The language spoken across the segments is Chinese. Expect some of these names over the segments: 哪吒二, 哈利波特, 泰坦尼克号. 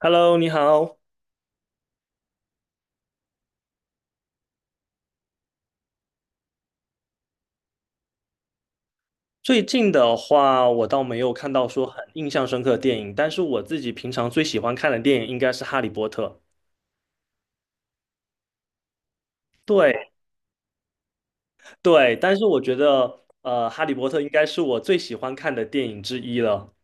Hello，你好。最近的话，我倒没有看到说很印象深刻的电影，但是我自己平常最喜欢看的电影应该是《哈利波特》。对对，但是我觉得，《哈利波特》应该是我最喜欢看的电影之一了。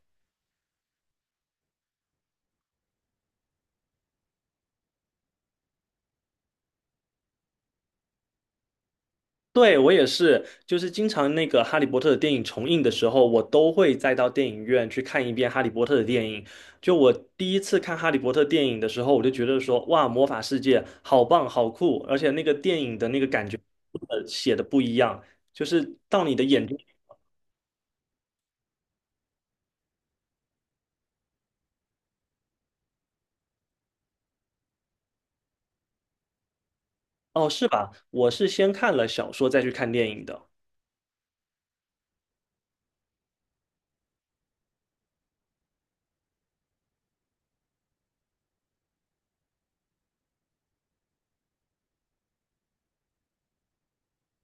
对，我也是，就是经常那个《哈利波特》的电影重映的时候，我都会再到电影院去看一遍《哈利波特》的电影。就我第一次看《哈利波特》电影的时候，我就觉得说，哇，魔法世界好棒，好酷，而且那个电影的那个感觉，写的不一样，就是到你的眼睛。哦，是吧？我是先看了小说再去看电影的。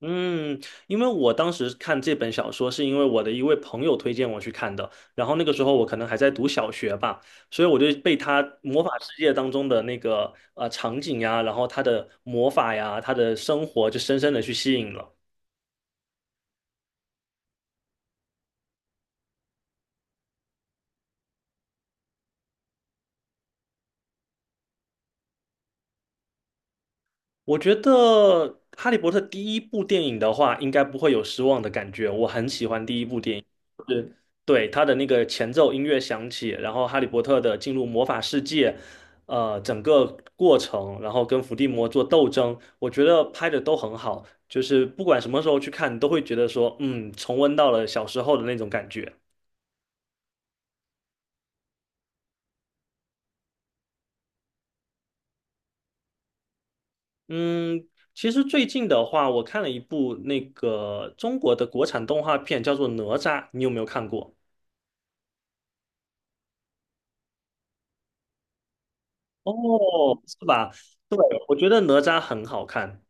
嗯，因为我当时看这本小说，是因为我的一位朋友推荐我去看的。然后那个时候我可能还在读小学吧，所以我就被他魔法世界当中的那个场景呀，然后他的魔法呀，他的生活就深深的去吸引了。我觉得《哈利波特》第一部电影的话，应该不会有失望的感觉。我很喜欢第一部电影，就是对它的那个前奏音乐响起，然后哈利波特的进入魔法世界，整个过程，然后跟伏地魔做斗争，我觉得拍的都很好。就是不管什么时候去看，都会觉得说，嗯，重温到了小时候的那种感觉。嗯，其实最近的话，我看了一部那个中国的国产动画片，叫做《哪吒》，你有没有看过？哦，是吧？对，我觉得哪吒很好看。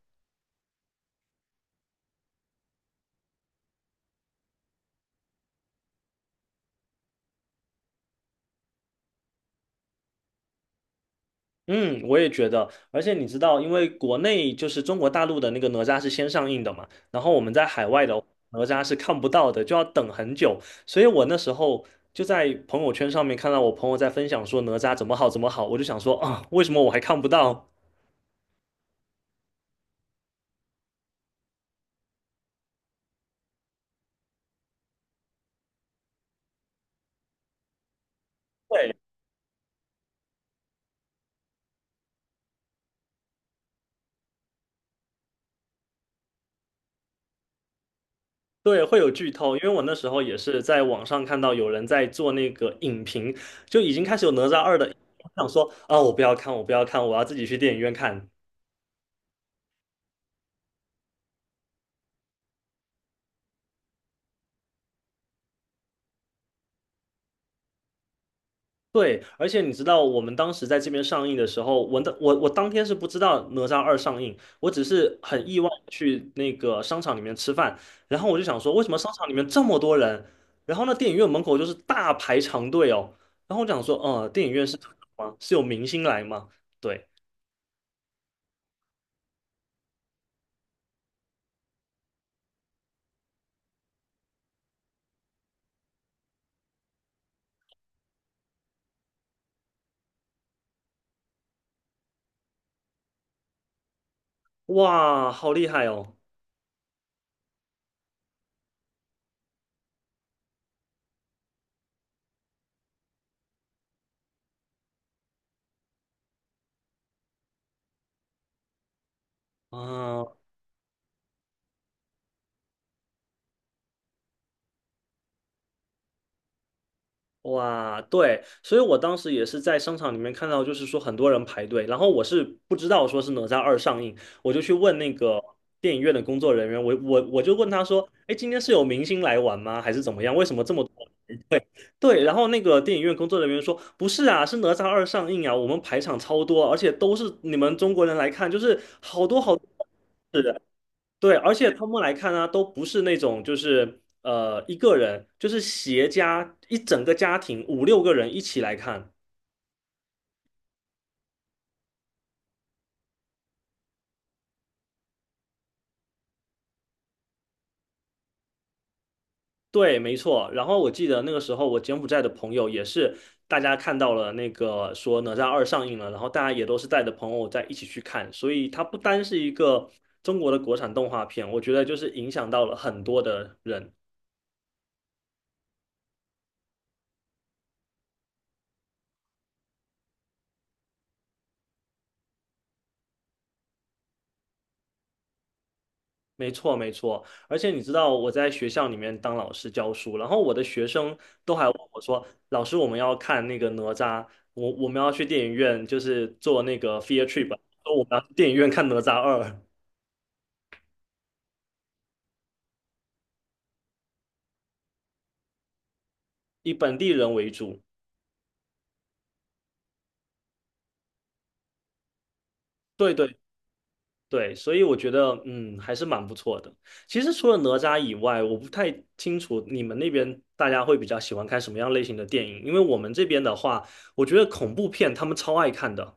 嗯，我也觉得。而且你知道，因为国内就是中国大陆的那个哪吒是先上映的嘛，然后我们在海外的哪吒是看不到的，就要等很久。所以我那时候就在朋友圈上面看到我朋友在分享说哪吒怎么好怎么好，我就想说啊，为什么我还看不到？对。对，会有剧透，因为我那时候也是在网上看到有人在做那个影评，就已经开始有《哪吒二》的影评，我想说啊，我不要看，我不要看，我要自己去电影院看。对，而且你知道，我们当时在这边上映的时候，我的我我当天是不知道《哪吒二》上映，我只是很意外地去那个商场里面吃饭，然后我就想说，为什么商场里面这么多人？然后呢，电影院门口就是大排长队哦。然后我想说，电影院是特效吗？是有明星来吗？对，哇，好厉害哦！啊，哇，对，所以我当时也是在商场里面看到，就是说很多人排队，然后我是不知道说是哪吒二上映，我就去问那个电影院的工作人员，我就问他说，哎，今天是有明星来玩吗？还是怎么样？为什么这么多？对，然后那个电影院工作人员说，不是啊，是哪吒二上映啊，我们排场超多，而且都是你们中国人来看，就是好多好多。对，而且他们来看呢、都不是那种就是一个人，就是携家一整个家庭五六个人一起来看。对，没错。然后我记得那个时候，我柬埔寨的朋友也是，大家看到了那个说《哪吒二》上映了，然后大家也都是带着朋友在一起去看，所以它不单是一个中国的国产动画片，我觉得就是影响到了很多的人。没错，没错，而且你知道我在学校里面当老师教书，然后我的学生都还问我说：“老师，我们要看那个哪吒，我们要去电影院，就是做那个 field trip，啊说我们要去电影院看哪吒二，以本地人为主。”对对对，所以我觉得嗯还是蛮不错的。其实除了哪吒以外，我不太清楚你们那边大家会比较喜欢看什么样类型的电影，因为我们这边的话，我觉得恐怖片他们超爱看的。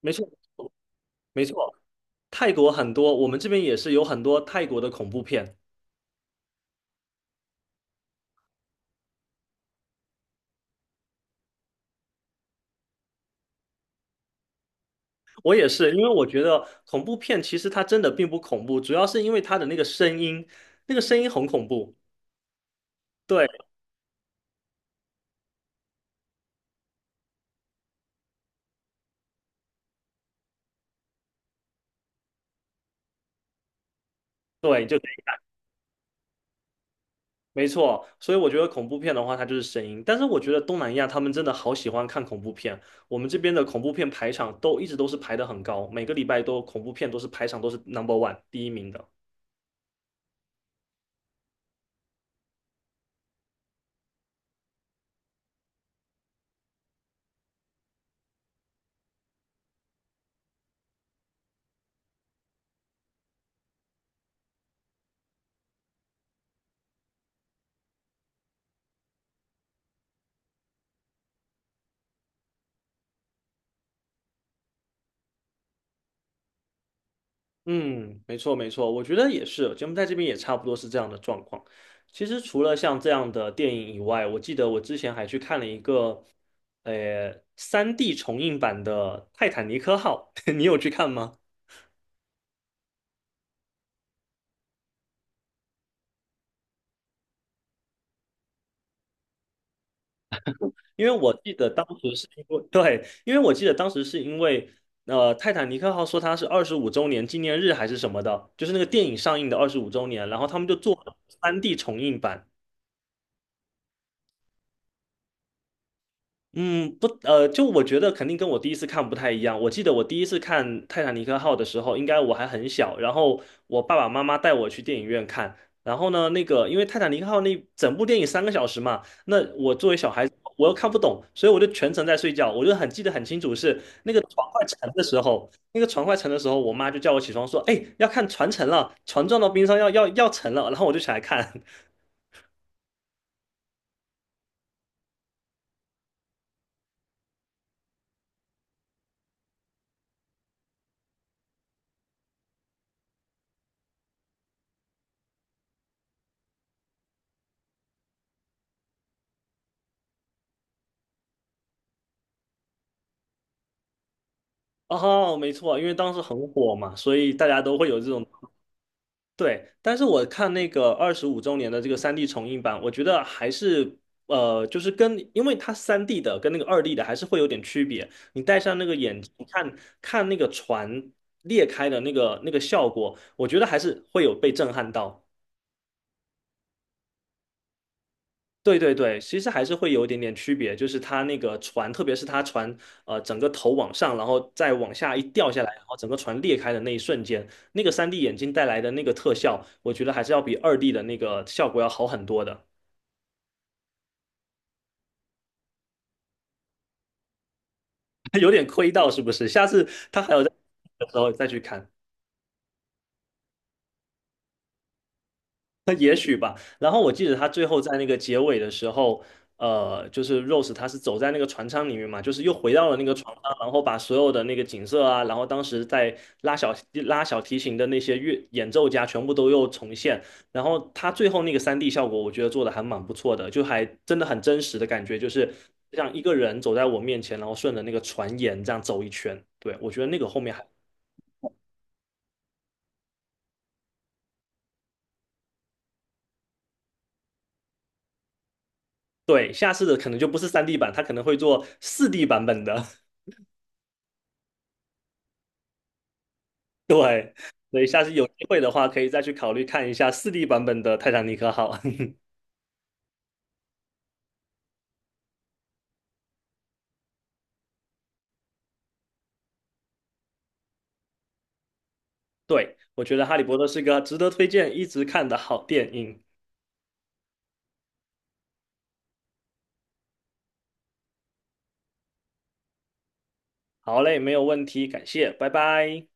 没错。没错，泰国很多，我们这边也是有很多泰国的恐怖片。我也是，因为我觉得恐怖片其实它真的并不恐怖，主要是因为它的那个声音，那个声音很恐怖。对对，就没错。所以我觉得恐怖片的话，它就是声音。但是我觉得东南亚他们真的好喜欢看恐怖片，我们这边的恐怖片排场都一直都是排的很高，每个礼拜都恐怖片都是排场都是 number one 第一名的。嗯，没错没错，我觉得也是，节目在这边也差不多是这样的状况。其实除了像这样的电影以外，我记得我之前还去看了一个，三 d 重映版的《泰坦尼克号》，你有去看吗？因为我记得当时是因为，对，因为我记得当时是因为，《泰坦尼克号》说它是二十五周年纪念日还是什么的，就是那个电影上映的二十五周年，然后他们就做了 3D 重映版。嗯，不，就我觉得肯定跟我第一次看不太一样。我记得我第一次看《泰坦尼克号》的时候，应该我还很小，然后我爸爸妈妈带我去电影院看。然后呢，那个因为《泰坦尼克号》那整部电影3个小时嘛，那我作为小孩子，我又看不懂，所以我就全程在睡觉。我就很记得很清楚是那个船快沉的时候，那个船快沉的时候，我妈就叫我起床说：“哎，要看船沉了，船撞到冰上要沉了。”然后我就起来看。哦，没错，因为当时很火嘛，所以大家都会有这种。对，但是我看那个二十五周年的这个三 d 重映版，我觉得还是就是跟因为它三 d 的跟那个2D 的还是会有点区别。你戴上那个眼镜看看那个船裂开的那个效果，我觉得还是会有被震撼到。对对对，其实还是会有一点点区别，就是它那个船，特别是它船，整个头往上，然后再往下一掉下来，然后整个船裂开的那一瞬间，那个三 d 眼镜带来的那个特效，我觉得还是要比二 d 的那个效果要好很多的，有点亏到是不是？下次它还有在的时候再去看。也许吧。然后我记得他最后在那个结尾的时候，就是 Rose 他是走在那个船舱里面嘛，就是又回到了那个船舱，然后把所有的那个景色啊，然后当时在拉小拉小提琴的那些乐演奏家全部都又重现。然后他最后那个三 d 效果，我觉得做的还蛮不错的，就还真的很真实的感觉，就是像一个人走在我面前，然后顺着那个船沿这样走一圈。对，我觉得那个后面还。对，下次的可能就不是三 d 版，他可能会做四 d 版本的。对，所以下次有机会的话，可以再去考虑看一下四 d 版本的《泰坦尼克号》。对，我觉得《哈利波特》是个值得推荐、一直看的好电影。好嘞，没有问题，感谢，拜拜。